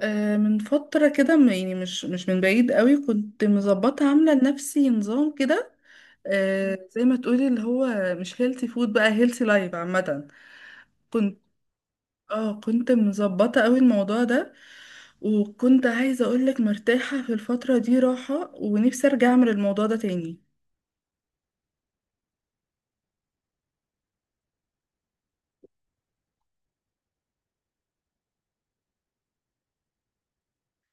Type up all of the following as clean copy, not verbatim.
من فترة كده يعني مش من بعيد قوي كنت مظبطة عاملة لنفسي نظام كده. زي ما تقولي اللي هو مش هيلثي فود بقى هيلثي لايف عامة. كنت اه كنت مظبطة قوي الموضوع ده، وكنت عايزة اقولك مرتاحة في الفترة دي راحة ونفسي ارجع اعمل الموضوع ده تاني.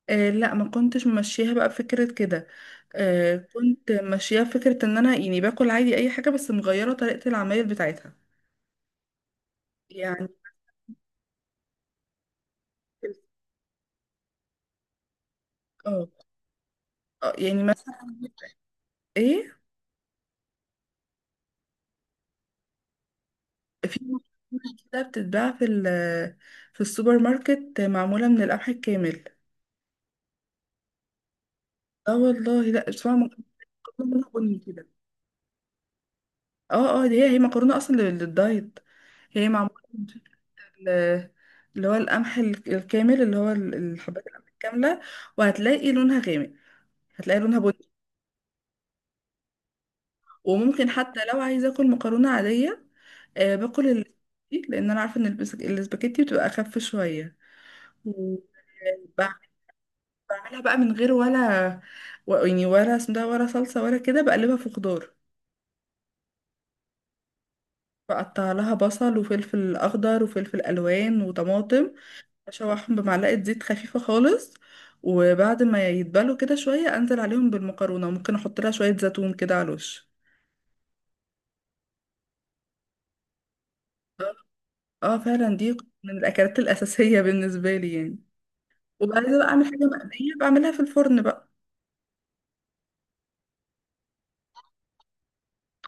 آه لا، ما كنتش ماشياها بقى بفكرة كده. آه، كنت ماشياها بفكرة ان انا يعني باكل عادي اي حاجة، بس مغيرة طريقة العمايل بتاعتها. يعني اه. آه، يعني مثلا ايه، في مكرونة كده بتتباع في في السوبر ماركت، معمولة من القمح الكامل. اه والله، لا اسمها مكرونة، لونها بني كده. اه اه، دي هي مكرونة اصلا للدايت. هي معمولة من شكل، آه، اللي هو القمح الكامل، اللي هو الحبات القمح الكاملة. وهتلاقي لونها غامق، هتلاقي لونها بني. وممكن حتى لو عايزة اكل مكرونة عادية، باكل الاسباجيتي، لان انا عارفة ان الاسباجيتي بتبقى اخف شوية. و- بعملها بقى من غير ولا يعني ولا اسم ده ولا صلصة ولا كده، بقلبها في خضار. بقطع لها بصل وفلفل أخضر وفلفل ألوان وطماطم، أشوحهم بمعلقة زيت خفيفة خالص، وبعد ما يتبلوا كده شوية أنزل عليهم بالمكرونة، وممكن أحط لها شوية زيتون كده على الوش. اه فعلا، دي من الأكلات الأساسية بالنسبة لي يعني. وبعد كده بقى أعمل حاجة مقلية، بعملها في الفرن بقى.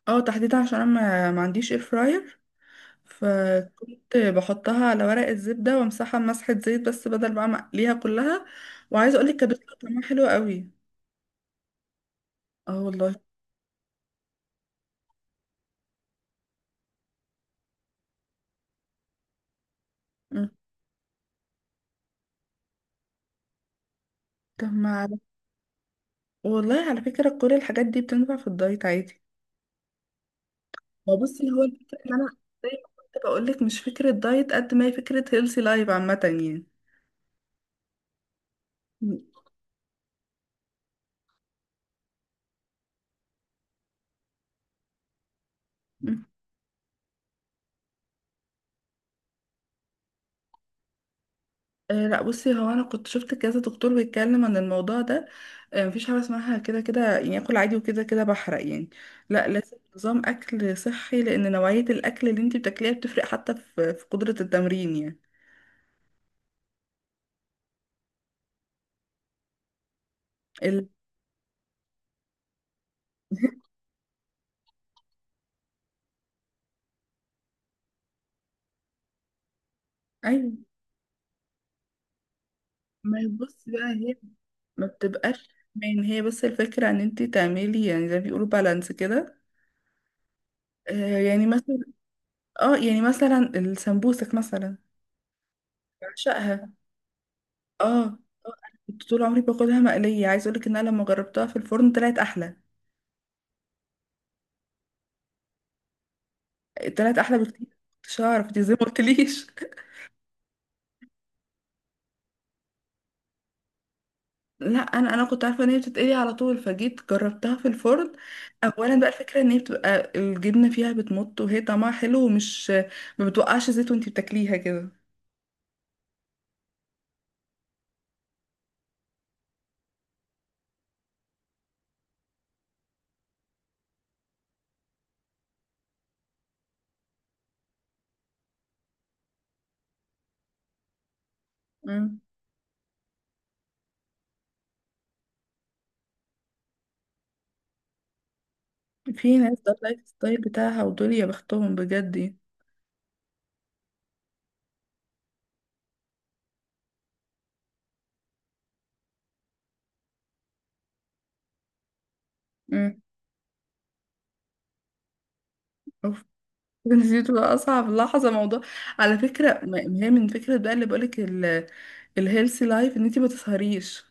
اه، تحديدا عشان أنا ما عنديش اير فراير، فكنت بحطها على ورق الزبدة وامسحها بمسحة زيت، بس بدل بقى ما اقليها كلها. وعايزة اقولك كانت بتطلع طعمها حلو قوي. اه والله. مم. طب ما على- والله على فكرة كل الحاجات دي بتنفع في الدايت عادي. ما بصي، هو الفكرة ان انا، زي ما كنت بقولك، مش فكرة دايت قد ما هي فكرة هيلثي لايف عامة يعني. مم. آه لا، بصي هو انا كنت شفت كذا دكتور بيتكلم عن الموضوع ده. آه، مفيش حاجه اسمها كده كده يعني اكل عادي وكده كده بحرق يعني. لا، لازم نظام اكل صحي، لان نوعيه الاكل اللي انت بتاكليها بتفرق حتى في في قدره التمرين يعني. ال... ايوه. ما هي بصي بقى، هي ما بتبقاش من هي، بس الفكره ان انت تعملي يعني زي ما بيقولوا بالانس كده. آه يعني مثلا، اه يعني مثلا السمبوسك مثلا، بعشقها. اه انا كنت طول عمري باكلها مقلية، عايز اقولك ان انا لما جربتها في الفرن طلعت احلى. طلعت احلى بكتير. مش هعرف، دي زي ما قلتليش لا، انا كنت عارفه ان هي بتتقلي على طول، فجيت جربتها في الفرن. اولا بقى، الفكره ان هي بتبقى الجبنه فيها بتمط، وهي طعمها حلو ومش ما بتوقعش زيت وانتي بتاكليها كده. مم. في ناس ده اللايف ستايل بتاعها، ودول يا بختهم بجد يعني. مم. دي بتبقى اصعب لحظه موضوع. على فكره، ما هي من فكره بقى اللي بقولك الهيلثي لايف ان انتي ما تسهريش.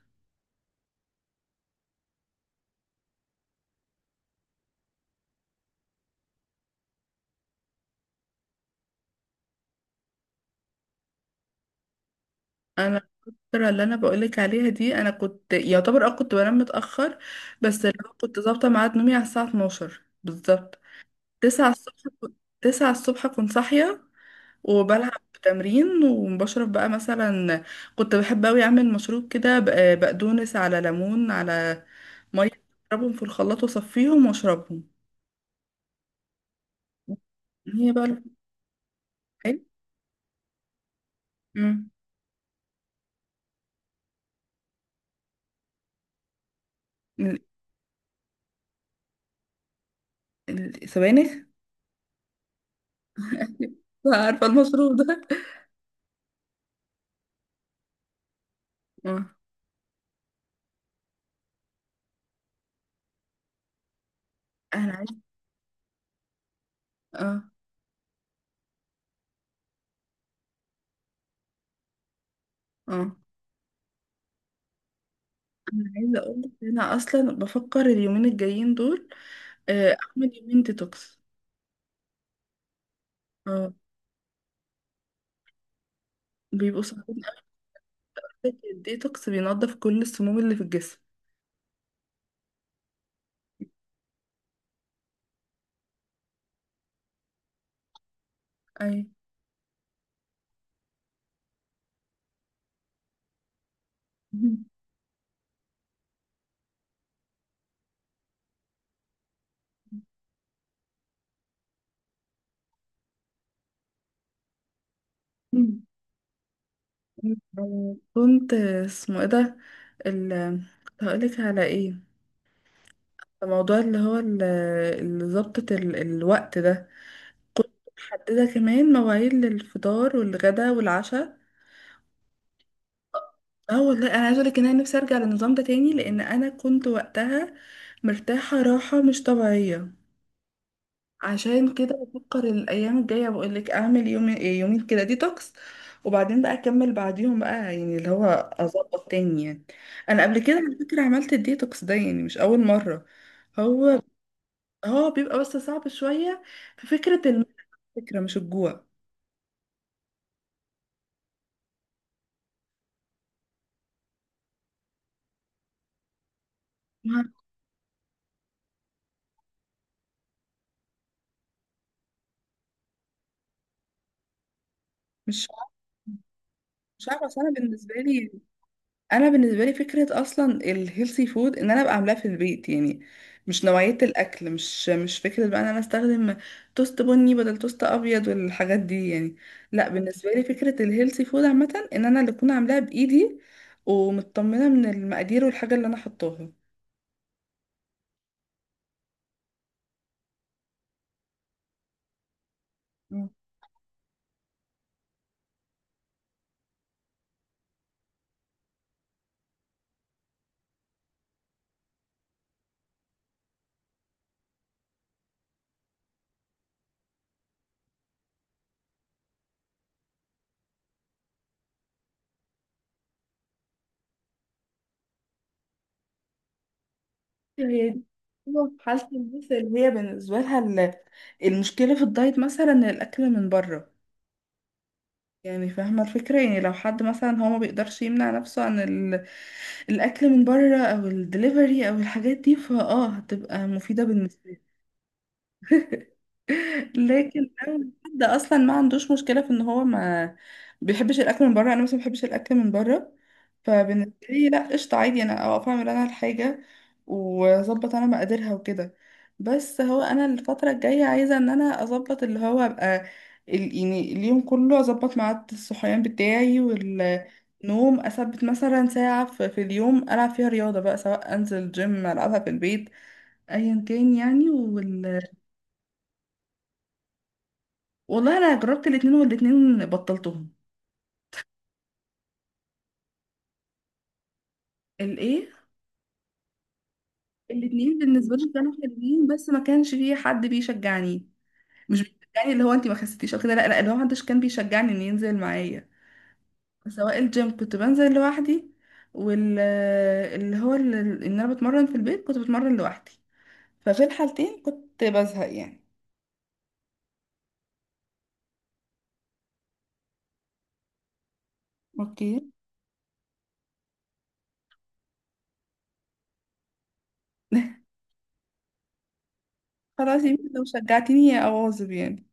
انا الفتره اللي انا بقولك عليها دي، انا كنت يعتبر اه كنت بنام متاخر، بس اللي هو كنت ظابطه ميعاد نومي على الساعه 12 بالظبط. 9 الصبح كنت صاحيه، وبلعب تمرين، وبشرب بقى مثلا، كنت بحب اوي اعمل مشروب كده بقدونس على ليمون على ميه، اضربهم في الخلاط واصفيهم واشربهم. هي بقى الفول. حلو. مم. ال- السبانخ. عارفة المشروب ده. اه، انا عايزة. اه اه انا عايزة اقول لك انا اصلا بفكر اليومين الجايين دول، اعمل يومين ديتوكس. اه، بيبقوا صعبين قوي. الديتوكس بينضف كل السموم اللي في الجسم. اي. كنت، اسمه ايه ده، ال، هقولك على ايه. الموضوع اللي هو اللي ظبطة الوقت ده، كنت محددة كمان مواعيد للفطار والغدا والعشاء. اه والله، انا عايزه اقولك ان انا نفسي ارجع للنظام ده تاني، لان انا كنت وقتها مرتاحه راحه مش طبيعيه. عشان كده بفكر الايام الجايه، بقول لك اعمل يوم يومين كده ديتوكس، وبعدين بقى اكمل بعديهم بقى، يعني اللي هو اظبط تاني يعني. انا قبل كده على فكره عملت الديتوكس ده، يعني مش اول مره. هو هو بيبقى بس صعب شويه في فكره. الفكره مش الجوع. مش مش عارفه، اصل انا بالنسبه لي، انا بالنسبه لي فكره اصلا الهيلثي فود ان انا ابقى عاملاه في البيت يعني، مش نوعيه الاكل، مش فكره بقى ان انا استخدم توست بني بدل توست ابيض والحاجات دي يعني. لا، بالنسبه لي فكره الهيلثي فود عامه ان انا اللي اكون عاملاها بايدي ومطمنه من المقادير والحاجه اللي انا حطاها. مم. هي دي حالة الناس اللي هي بالنسبة لها المشكلة في الدايت، مثلا الأكل من بره. يعني فاهمة الفكرة، يعني لو حد مثلا هو ما بيقدرش يمنع نفسه عن الأكل من بره أو الدليفري أو الحاجات دي، فاه هتبقى مفيدة بالنسبة. لكن اول حد اصلا ما عندوش مشكله في ان هو ما بيحبش الاكل من بره، انا مثلا ما بحبش الاكل من بره، فبالنسبه لي لا قشطه عادي، انا اقف اعمل انا الحاجه واظبط انا مقاديرها وكده. بس هو انا الفتره الجايه عايزه ان انا اظبط اللي هو ابقى يعني اليوم كله اظبط ميعاد الصحيان بتاعي والنوم، اثبت مثلا ساعه في في اليوم العب فيها رياضه بقى، سواء انزل جيم العبها في البيت، ايا كان يعني. وال، والله انا جربت الاتنين والاتنين بطلتهم. الايه؟ الاتنين بالنسبه لي كانوا حلوين، بس ما كانش فيه حد بيشجعني. مش بيشجعني اللي هو انت ما خسيتيش او كده، لا لا، اللي هو محدش كان بيشجعني ان ينزل معايا. سواء الجيم كنت بنزل لوحدي، وال، اللي هو ان انا بتمرن في البيت كنت بتمرن لوحدي، ففي الحالتين كنت بزهق يعني. اوكي. خلاص، يمكن لو شجعتيني يا اواظب يعني.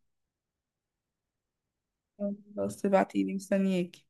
خلاص ابعتيلي، مستنياكي.